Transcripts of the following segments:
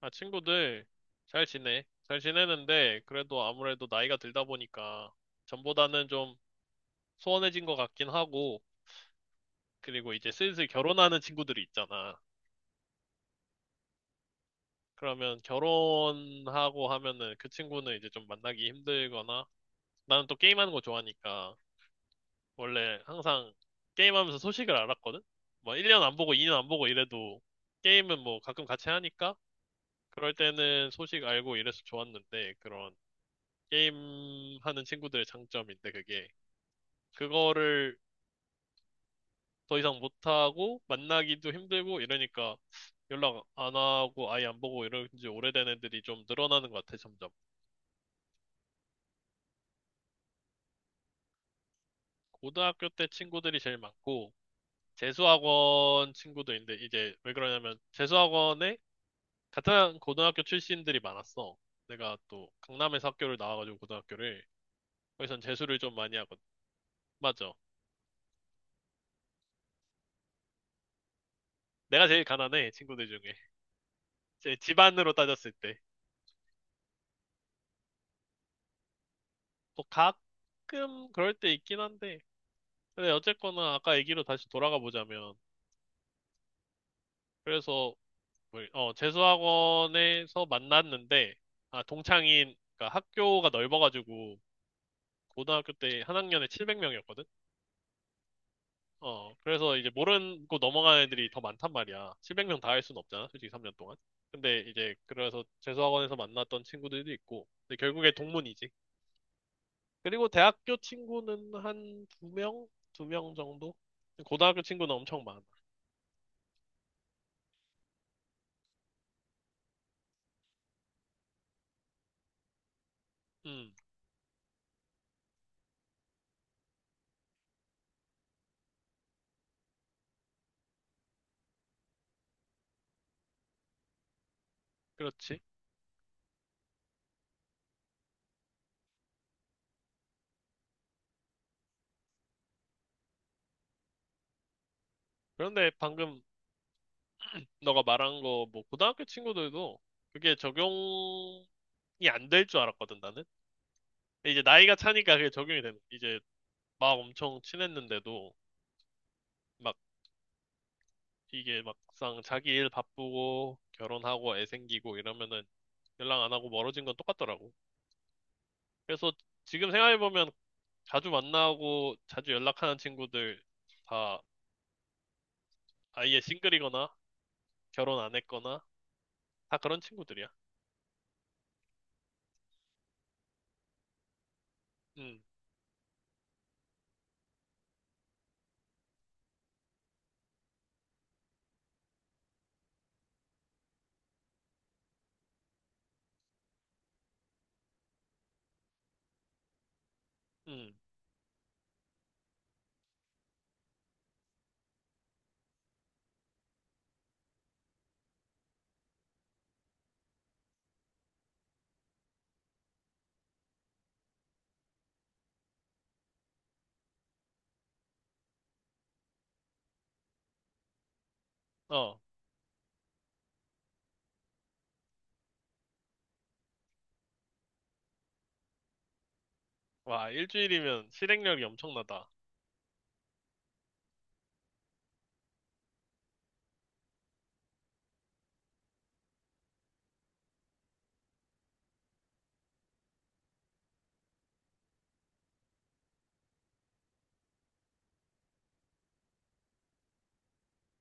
아, 친구들 잘 지내. 잘 지내는데 그래도 아무래도 나이가 들다 보니까 전보다는 좀 소원해진 것 같긴 하고 그리고 이제 슬슬 결혼하는 친구들이 있잖아. 그러면 결혼하고 하면은 그 친구는 이제 좀 만나기 힘들거나 나는 또 게임하는 거 좋아하니까 원래 항상 게임하면서 소식을 알았거든? 뭐 1년 안 보고 2년 안 보고 이래도 게임은 뭐 가끔 같이 하니까 그럴 때는 소식 알고 이래서 좋았는데 그런 게임하는 친구들의 장점인데 그게 그거를 더 이상 못하고 만나기도 힘들고 이러니까 연락 안 하고 아예 안 보고 이런 지 오래된 애들이 좀 늘어나는 것 같아 점점. 고등학교 때 친구들이 제일 많고 재수학원 친구도 있는데 이제 왜 그러냐면 재수학원에 같은 고등학교 출신들이 많았어. 내가 또 강남에서 학교를 나와가지고 고등학교를. 거기선 재수를 좀 많이 하거든. 맞아. 내가 제일 가난해 친구들 중에, 제 집안으로 따졌을 때. 또 가끔 그럴 때 있긴 한데. 근데 어쨌거나 아까 얘기로 다시 돌아가 보자면, 그래서 뭐, 재수학원에서 만났는데, 아, 동창인, 그러니까 학교가 넓어가지고, 고등학교 때 한 학년에 700명이었거든? 그래서 이제 모르고 넘어가는 애들이 더 많단 말이야. 700명 다 할 수는 없잖아, 솔직히 3년 동안. 근데 이제, 그래서 재수학원에서 만났던 친구들도 있고, 근데 결국에 동문이지. 그리고 대학교 친구는 한 두 명? 두 명 정도? 고등학교 친구는 엄청 많아. 음, 그렇지. 그런데 방금 너가 말한 거, 뭐, 고등학교 친구들도 그게 적용이 안 될 줄 알았거든, 나는. 근데 이제 나이가 차니까 그게 적용이 되는. 이제 막 엄청 친했는데도, 막, 이게 막상 자기 일 바쁘고, 결혼하고, 애 생기고 이러면은 연락 안 하고 멀어진 건 똑같더라고. 그래서 지금 생각해보면 자주 만나고, 자주 연락하는 친구들 다 아예 싱글이거나, 결혼 안 했거나, 다 그런 친구들이야. 응, 응, 어. 와, 일주일이면 실행력이 엄청나다.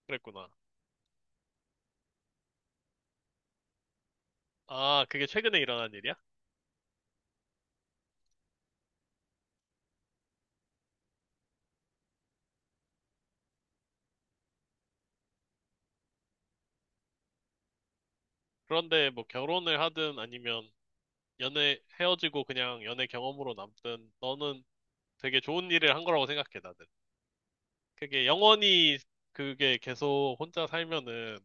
그랬구나. 아, 그게 최근에 일어난 일이야? 그런데 뭐 결혼을 하든 아니면 연애 헤어지고 그냥 연애 경험으로 남든 너는 되게 좋은 일을 한 거라고 생각해, 나는. 그게 영원히, 그게 계속 혼자 살면은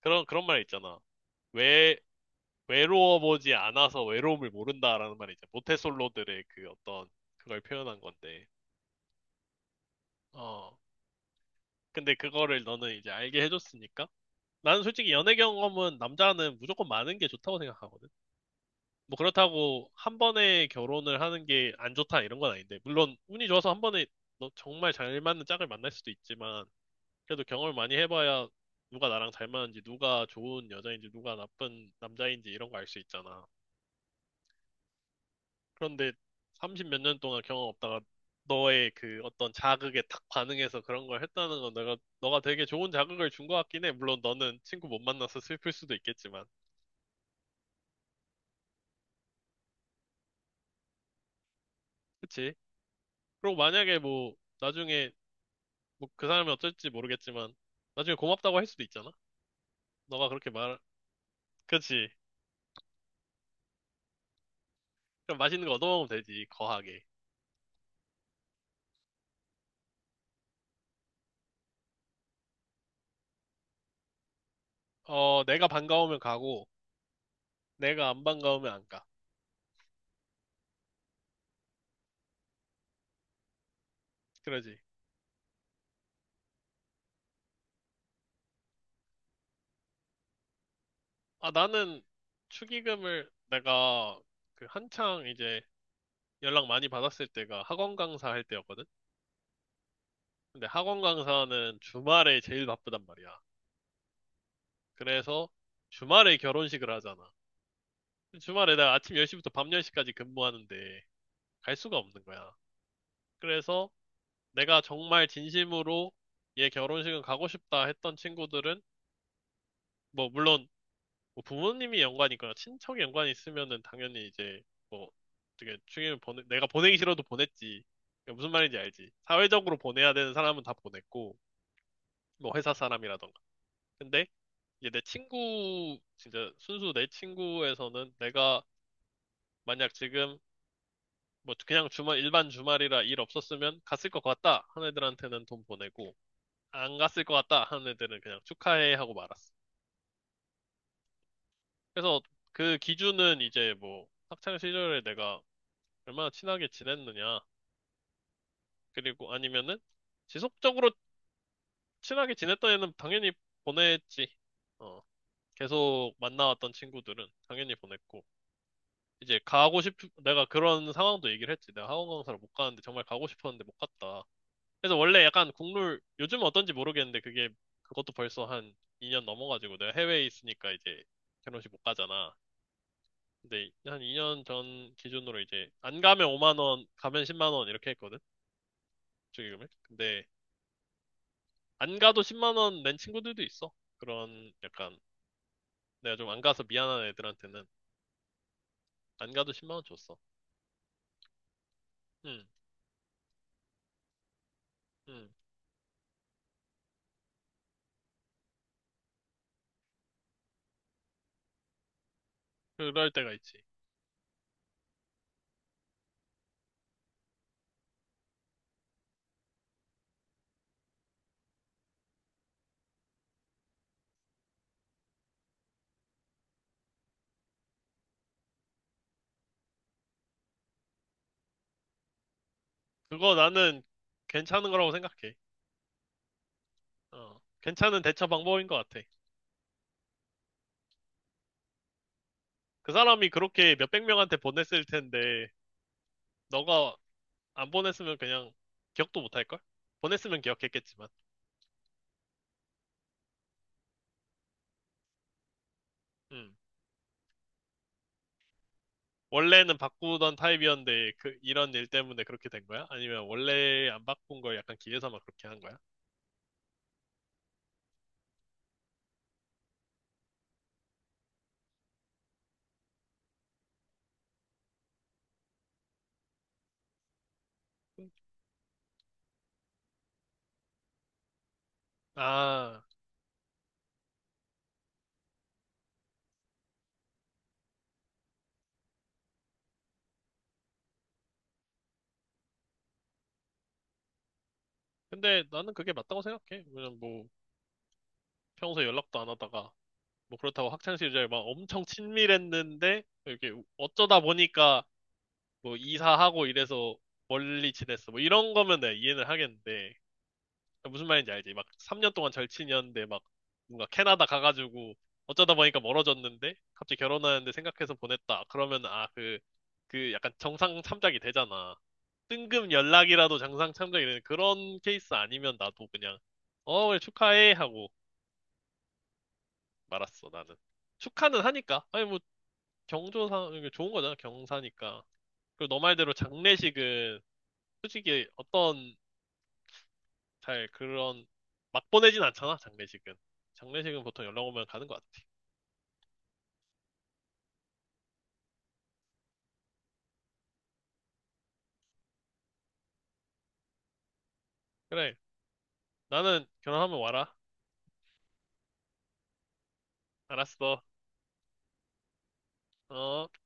그런, 그런 말 있잖아. 외, 외로워 보지 않아서 외로움을 모른다라는 말이 이제 모태솔로들의 그 어떤 그걸 표현한 건데. 어. 근데 그거를 너는 이제 알게 해줬으니까 나는 솔직히 연애 경험은 남자는 무조건 많은 게 좋다고 생각하거든. 뭐 그렇다고 한 번에 결혼을 하는 게 안 좋다 이런 건 아닌데, 물론 운이 좋아서 한 번에 너 정말 잘 맞는 짝을 만날 수도 있지만, 그래도 경험을 많이 해봐야 누가 나랑 잘 맞는지, 누가 좋은 여자인지, 누가 나쁜 남자인지 이런 거 알 수 있잖아. 그런데 30 몇 년 동안 경험 없다가 너의 그 어떤 자극에 탁 반응해서 그런 걸 했다는 건 내가, 너가 되게 좋은 자극을 준 것 같긴 해. 물론 너는 친구 못 만나서 슬플 수도 있겠지만. 그치? 그리고 만약에 뭐 나중에, 뭐 그 사람이 어쩔지 모르겠지만 나중에 고맙다고 할 수도 있잖아. 너가 그렇게 그치? 그럼 맛있는 거 얻어먹으면 되지 거하게. 어 내가 반가우면 가고 내가 안 반가우면 안 가. 그러지. 아 나는 축의금을 내가 그 한창 이제 연락 많이 받았을 때가 학원 강사 할 때였거든. 근데 학원 강사는 주말에 제일 바쁘단 말이야. 그래서 주말에 결혼식을 하잖아. 주말에 내가 아침 10시부터 밤 10시까지 근무하는데 갈 수가 없는 거야. 그래서 내가 정말 진심으로 얘 결혼식은 가고 싶다 했던 친구들은, 뭐 물론 뭐 부모님이 연관이 있거나 친척이 연관이 있으면은 당연히 이제 뭐 되게 축의금 보내, 내가 보내기 싫어도 보냈지. 그러니까 무슨 말인지 알지. 사회적으로 보내야 되는 사람은 다 보냈고, 뭐 회사 사람이라던가. 근데 이제 내 친구 진짜 순수 내 친구에서는 내가 만약 지금 뭐 그냥 주말 일반 주말이라 일 없었으면 갔을 것 같다 하는 애들한테는 돈 보내고, 안 갔을 것 같다 하는 애들은 그냥 축하해 하고 말았어. 그래서 그 기준은 이제 뭐 학창 시절에 내가 얼마나 친하게 지냈느냐. 그리고 아니면은 지속적으로 친하게 지냈던 애는 당연히 보냈지. 어, 계속 만나왔던 친구들은 당연히 보냈고. 이제 내가 그런 상황도 얘기를 했지. 내가 학원 강사를 못 가는데 정말 가고 싶었는데 못 갔다. 그래서 원래 약간 국룰, 요즘은 어떤지 모르겠는데, 그게 그것도 벌써 한 2년 넘어가지고 내가 해외에 있으니까 이제 결혼식 못 가잖아. 근데 한 2년 전 기준으로 이제 안 가면 5만 원, 가면 10만 원 이렇게 했거든. 축의금을. 근데 안 가도 10만 원 낸 친구들도 있어. 그런 약간 내가 좀 안 가서 미안한 애들한테는 안 가도 10만 원 줬어. 응, 응. 그럴 때가 있지. 그거 나는 괜찮은 거라고 생각해. 어, 괜찮은 대처 방법인 것 같아. 그 사람이 그렇게 몇백 명한테 보냈을 텐데 너가 안 보냈으면 그냥 기억도 못 할걸? 보냈으면 기억했겠지만. 응. 원래는 바꾸던 타입이었는데 그 이런 일 때문에 그렇게 된 거야? 아니면 원래 안 바꾼 걸 약간 기회삼아 그렇게 한 거야? 아, 근데 나는 그게 맞다고 생각해. 왜냐면 뭐 평소에 연락도 안 하다가 뭐 그렇다고 학창 시절에 막 엄청 친밀했는데 이렇게 어쩌다 보니까 뭐 이사하고 이래서 멀리 지냈어 뭐 이런 거면 내가 이해는 하겠는데. 아, 무슨 말인지 알지? 막 3년 동안 절친이었는데 막 뭔가 캐나다 가가지고 어쩌다 보니까 멀어졌는데 갑자기 결혼하는데 생각해서 보냈다. 그러면 아, 그, 그 약간 정상 참작이 되잖아. 뜬금 연락이라도 정상 참작이 되는 그런 케이스 아니면 나도 그냥 어, 그래, 축하해 하고 말았어, 나는. 축하는 하니까. 아니 뭐 경조사 이게 좋은 거잖아, 경사니까. 그리고 너 말대로 장례식은 솔직히 어떤 잘 그런 막 보내진 않잖아 장례식은. 장례식은 보통 연락 오면 가는 것 같아. 그래 나는 결혼하면 와라. 알았어. 어.